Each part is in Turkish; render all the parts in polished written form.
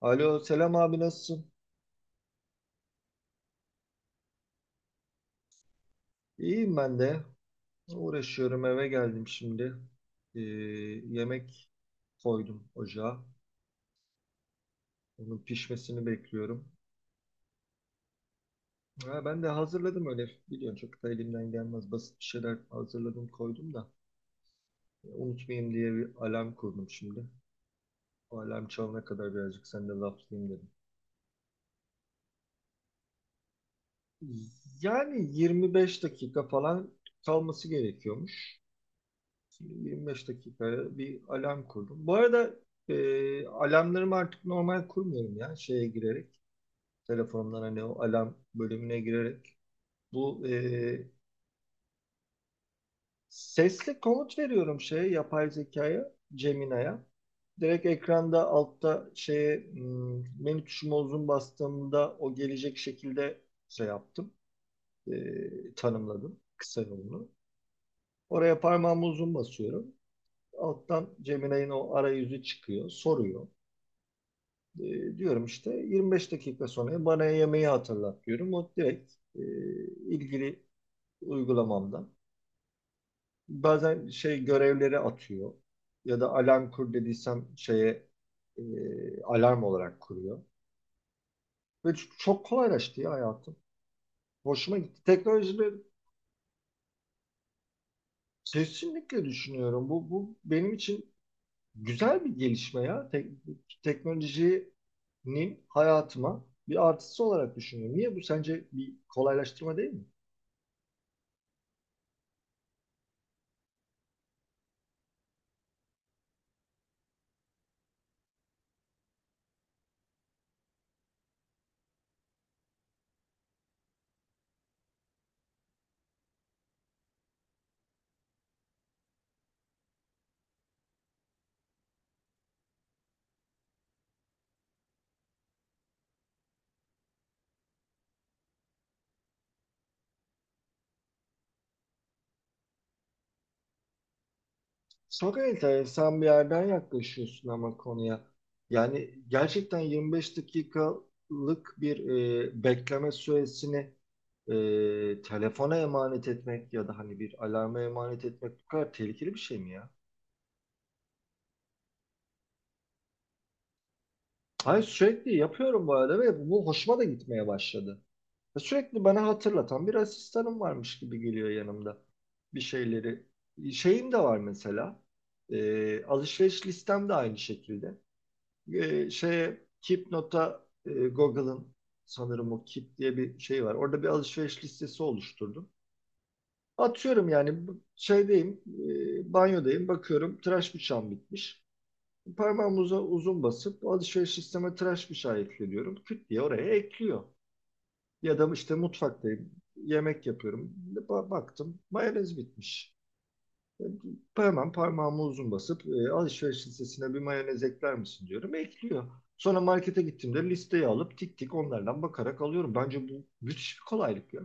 Alo, selam abi nasılsın? İyiyim ben de. Uğraşıyorum, eve geldim şimdi. Ee, Yemek koydum ocağa. Onun pişmesini bekliyorum. Ha, ben de hazırladım öyle. Biliyorsun çok da elimden gelmez. Basit bir şeyler hazırladım, koydum da. Unutmayayım diye bir alarm kurdum şimdi. O alarm çalana kadar birazcık seninle laflayayım dedim. Yani 25 dakika falan kalması gerekiyormuş. 25 dakikaya bir alarm kurdum. Bu arada alarmlarımı artık normal kurmuyorum ya, şeye girerek. Telefondan hani o alarm bölümüne girerek. Bu e, Sesli komut veriyorum şeye, yapay zekaya, Gemini'ye. Direkt ekranda altta şeye menü tuşuma uzun bastığımda o gelecek şekilde şey yaptım. Tanımladım kısa yolunu. Oraya parmağımı uzun basıyorum. Alttan Gemini'nin o arayüzü çıkıyor, soruyor. Diyorum işte 25 dakika sonra bana yemeği hatırlat diyorum. O direkt ilgili uygulamamdan. Bazen şey görevleri atıyor ya da alarm kur dediysem şeye e, alarm olarak kuruyor. Ve çok kolaylaştı ya hayatım. Hoşuma gitti. Teknolojileri kesinlikle düşünüyorum. Bu benim için güzel bir gelişme ya. Teknolojinin hayatıma bir artısı olarak düşünüyorum. Niye, bu sence bir kolaylaştırma değil mi? Çok enteresan bir yerden yaklaşıyorsun ama konuya. Yani gerçekten 25 dakikalık bir bekleme süresini telefona emanet etmek ya da hani bir alarma emanet etmek bu kadar tehlikeli bir şey mi ya? Hayır, sürekli yapıyorum bu arada ve bu hoşuma da gitmeye başladı. Ve sürekli bana hatırlatan bir asistanım varmış gibi geliyor yanımda, bir şeyleri. Şeyim de var mesela. Alışveriş listem de aynı şekilde. Şeye, Keepnote'a, Google'ın sanırım o Keep diye bir şey var. Orada bir alışveriş listesi oluşturdum. Atıyorum yani, şeydeyim, banyodayım, bakıyorum tıraş bıçağım bitmiş. Parmağımı uzun basıp alışveriş listeme tıraş bıçağı ekle diyorum. Küt diye oraya ekliyor. Ya da işte mutfaktayım, yemek yapıyorum. Baktım mayonez bitmiş. Hemen parmağımı uzun basıp alışveriş listesine bir mayonez ekler misin diyorum. Ekliyor. Sonra markete gittiğimde listeyi alıp tik tik onlardan bakarak alıyorum. Bence bu müthiş bir kolaylık ya.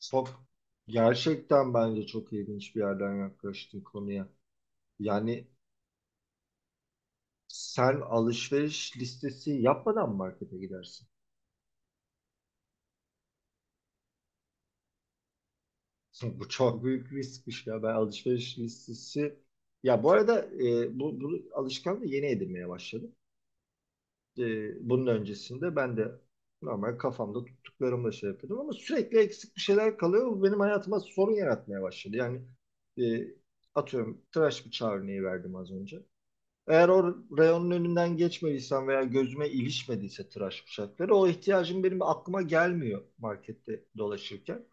Çok Gerçekten bence çok ilginç bir yerden yaklaştın konuya. Yani sen alışveriş listesi yapmadan markete gidersin. Bu çok büyük riskmiş ya. Ben alışveriş listesi, ya bu arada bu alışkanlığı yeni edinmeye başladım. Bunun öncesinde ben de normal kafamda tuttuklarımla şey yapıyordum ama sürekli eksik bir şeyler kalıyor. Bu benim hayatıma sorun yaratmaya başladı. Yani e, atıyorum, tıraş bıçağı örneği verdim az önce. Eğer o reyonun önünden geçmediysem veya gözüme ilişmediyse tıraş bıçakları, o ihtiyacım benim aklıma gelmiyor markette dolaşırken.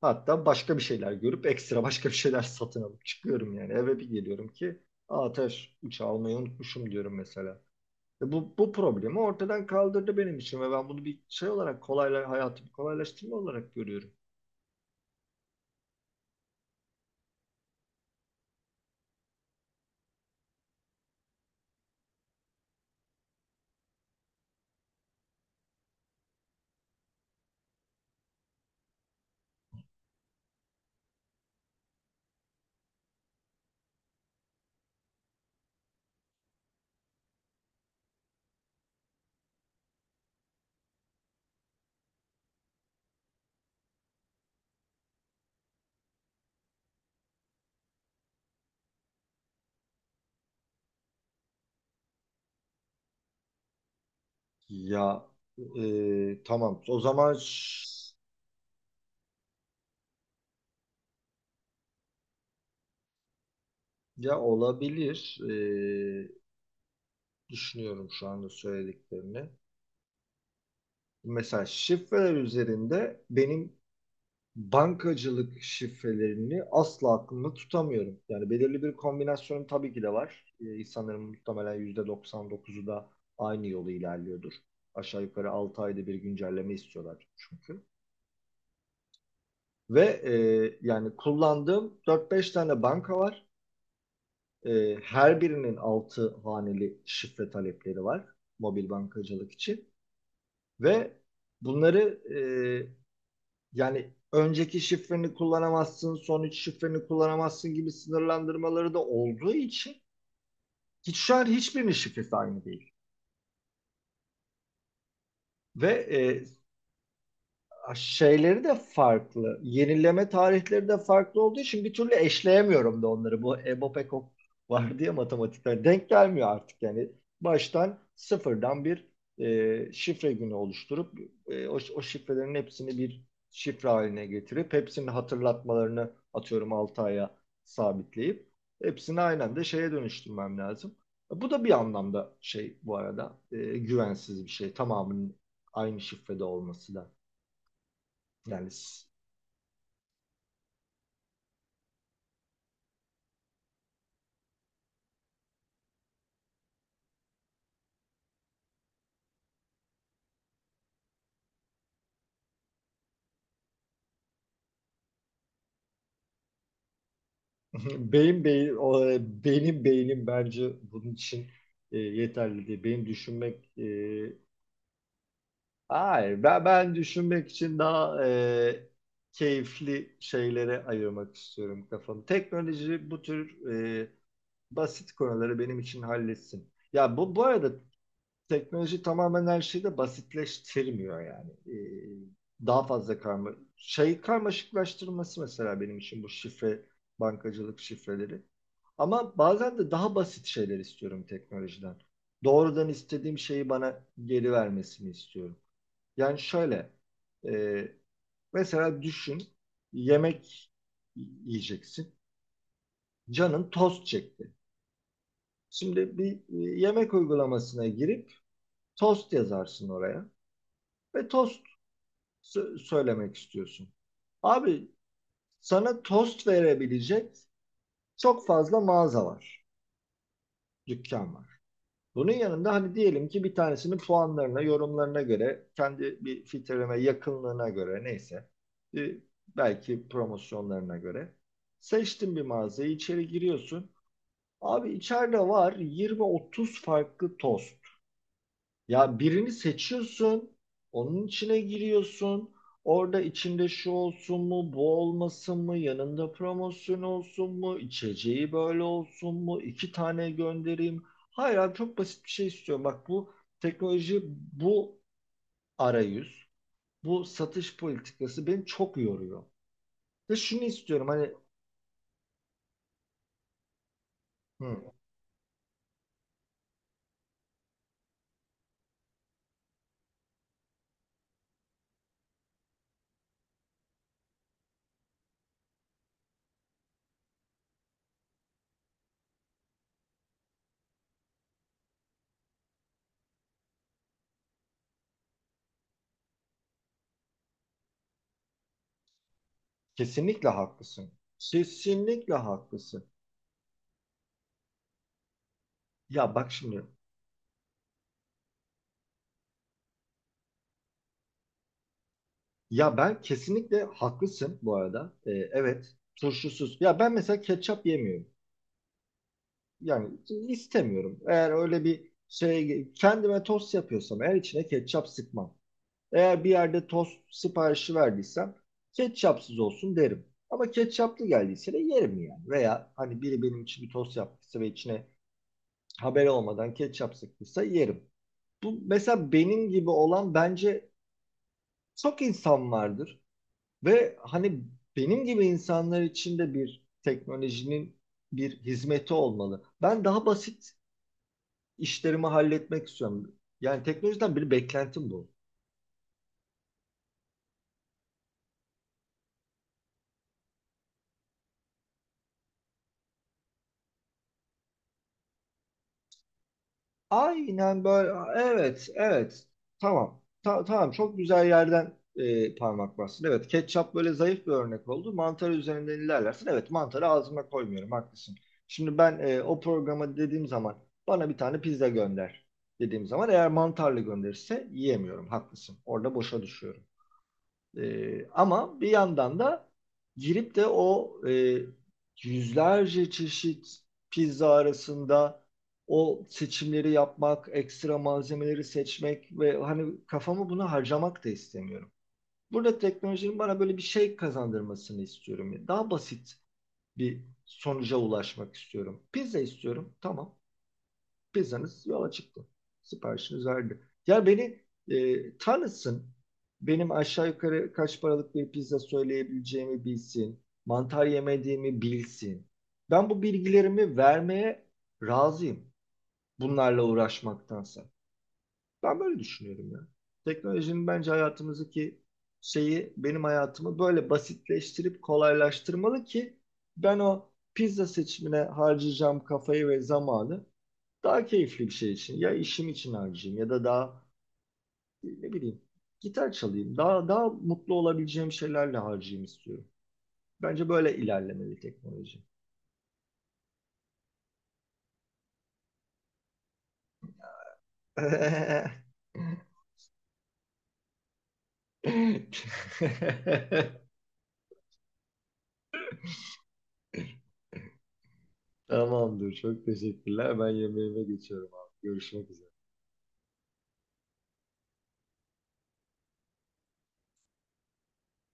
Hatta başka bir şeyler görüp ekstra başka bir şeyler satın alıp çıkıyorum yani. Eve bir geliyorum ki, aa, tıraş bıçağı almayı unutmuşum diyorum mesela. Ve bu problemi ortadan kaldırdı benim için ve ben bunu bir şey olarak hayatımı kolaylaştırma olarak görüyorum. Ya tamam, o zaman ya olabilir, düşünüyorum şu anda söylediklerini. Mesela şifreler üzerinde benim bankacılık şifrelerini asla aklımda tutamıyorum. Yani belirli bir kombinasyonum tabii ki de var. İnsanların muhtemelen %99'u da aynı yolu ilerliyordur. Aşağı yukarı 6 ayda bir güncelleme istiyorlar çünkü. Ve yani kullandığım dört beş tane banka var. Her birinin 6 haneli şifre talepleri var mobil bankacılık için. Ve bunları, e, yani önceki şifreni kullanamazsın, son üç şifreni kullanamazsın gibi sınırlandırmaları da olduğu için hiç şu an hiçbirinin şifresi aynı değil. Ve şeyleri de farklı. Yenileme tarihleri de farklı olduğu için bir türlü eşleyemiyorum da onları. Bu EBOPEKOP var diye matematikten denk gelmiyor artık yani. Baştan sıfırdan bir şifre günü oluşturup o şifrelerin hepsini bir şifre haline getirip hepsinin hatırlatmalarını atıyorum 6 aya sabitleyip hepsini aynen de şeye dönüştürmem lazım. Bu da bir anlamda şey bu arada, güvensiz bir şey. Tamamının aynı şifrede olması da. Yani s- beyin beyin Benim beynim bence bunun için yeterli değil. Hayır, ben düşünmek için daha keyifli şeylere ayırmak istiyorum kafamı. Teknoloji bu tür e, basit konuları benim için halletsin. Ya bu arada teknoloji tamamen her şeyi de basitleştirmiyor yani. Daha fazla karmaşıklaştırması mesela benim için bu şifre, bankacılık şifreleri. Ama bazen de daha basit şeyler istiyorum teknolojiden. Doğrudan istediğim şeyi bana geri vermesini istiyorum. Yani şöyle, e, mesela düşün, yemek yiyeceksin. Canın tost çekti. Şimdi bir yemek uygulamasına girip tost yazarsın oraya. Ve tost söylemek istiyorsun. Abi sana tost verebilecek çok fazla mağaza var, dükkan var. Bunun yanında hani diyelim ki bir tanesinin puanlarına, yorumlarına göre, kendi bir filtreleme yakınlığına göre neyse, e, belki promosyonlarına göre seçtin bir mağazayı, içeri giriyorsun. Abi içeride var 20-30 farklı tost. Ya birini seçiyorsun, onun içine giriyorsun. Orada içinde şu olsun mu, bu olmasın mı, yanında promosyon olsun mu, içeceği böyle olsun mu, iki tane göndereyim. Hayır abi, çok basit bir şey istiyorum. Bak, bu teknoloji, bu arayüz, bu satış politikası beni çok yoruyor. Ve şunu istiyorum hani. Hı, kesinlikle haklısın. Kesinlikle haklısın. Ya bak şimdi, ya ben kesinlikle haklısın bu arada. Evet, turşusuz. Ya ben mesela ketçap yemiyorum. Yani istemiyorum. Eğer öyle bir şey, kendime tost yapıyorsam eğer, içine ketçap sıkmam. Eğer bir yerde tost siparişi verdiysem ketçapsız olsun derim. Ama ketçaplı geldiyse de yerim yani. Veya hani biri benim için bir tost yaptıysa ve içine haber olmadan ketçap sıktıysa yerim. Bu mesela, benim gibi olan bence çok insan vardır. Ve hani benim gibi insanlar için de bir teknolojinin bir hizmeti olmalı. Ben daha basit işlerimi halletmek istiyorum. Yani teknolojiden bir beklentim bu. Aynen böyle. Evet, evet. Tamam. Tamam, çok güzel yerden parmak bastın. Evet, ketçap böyle zayıf bir örnek oldu. Mantar üzerinden ilerlersin. Evet, mantarı ağzıma koymuyorum. Haklısın. Şimdi ben, o programa dediğim zaman bana bir tane pizza gönder dediğim zaman, eğer mantarlı gönderirse yiyemiyorum. Haklısın. Orada boşa düşüyorum. Ama bir yandan da girip de o, yüzlerce çeşit pizza arasında o seçimleri yapmak, ekstra malzemeleri seçmek ve hani kafamı buna harcamak da istemiyorum. Burada teknolojinin bana böyle bir şey kazandırmasını istiyorum. Daha basit bir sonuca ulaşmak istiyorum. Pizza istiyorum, tamam, pizzanız yola çıktı. Siparişiniz verdi. Ya beni tanısın. Benim aşağı yukarı kaç paralık bir pizza söyleyebileceğimi bilsin. Mantar yemediğimi bilsin. Ben bu bilgilerimi vermeye razıyım, bunlarla uğraşmaktansa. Ben böyle düşünüyorum ya. Teknolojinin bence hayatımızdaki şeyi, benim hayatımı böyle basitleştirip kolaylaştırmalı ki ben o pizza seçimine harcayacağım kafayı ve zamanı daha keyifli bir şey için, ya işim için harcayayım ya da daha, ne bileyim, gitar çalayım. Daha mutlu olabileceğim şeylerle harcayayım istiyorum. Bence böyle ilerlemeli teknoloji. Tamamdır. Çok teşekkürler. Ben yemeğime geçiyorum abi. Görüşmek üzere.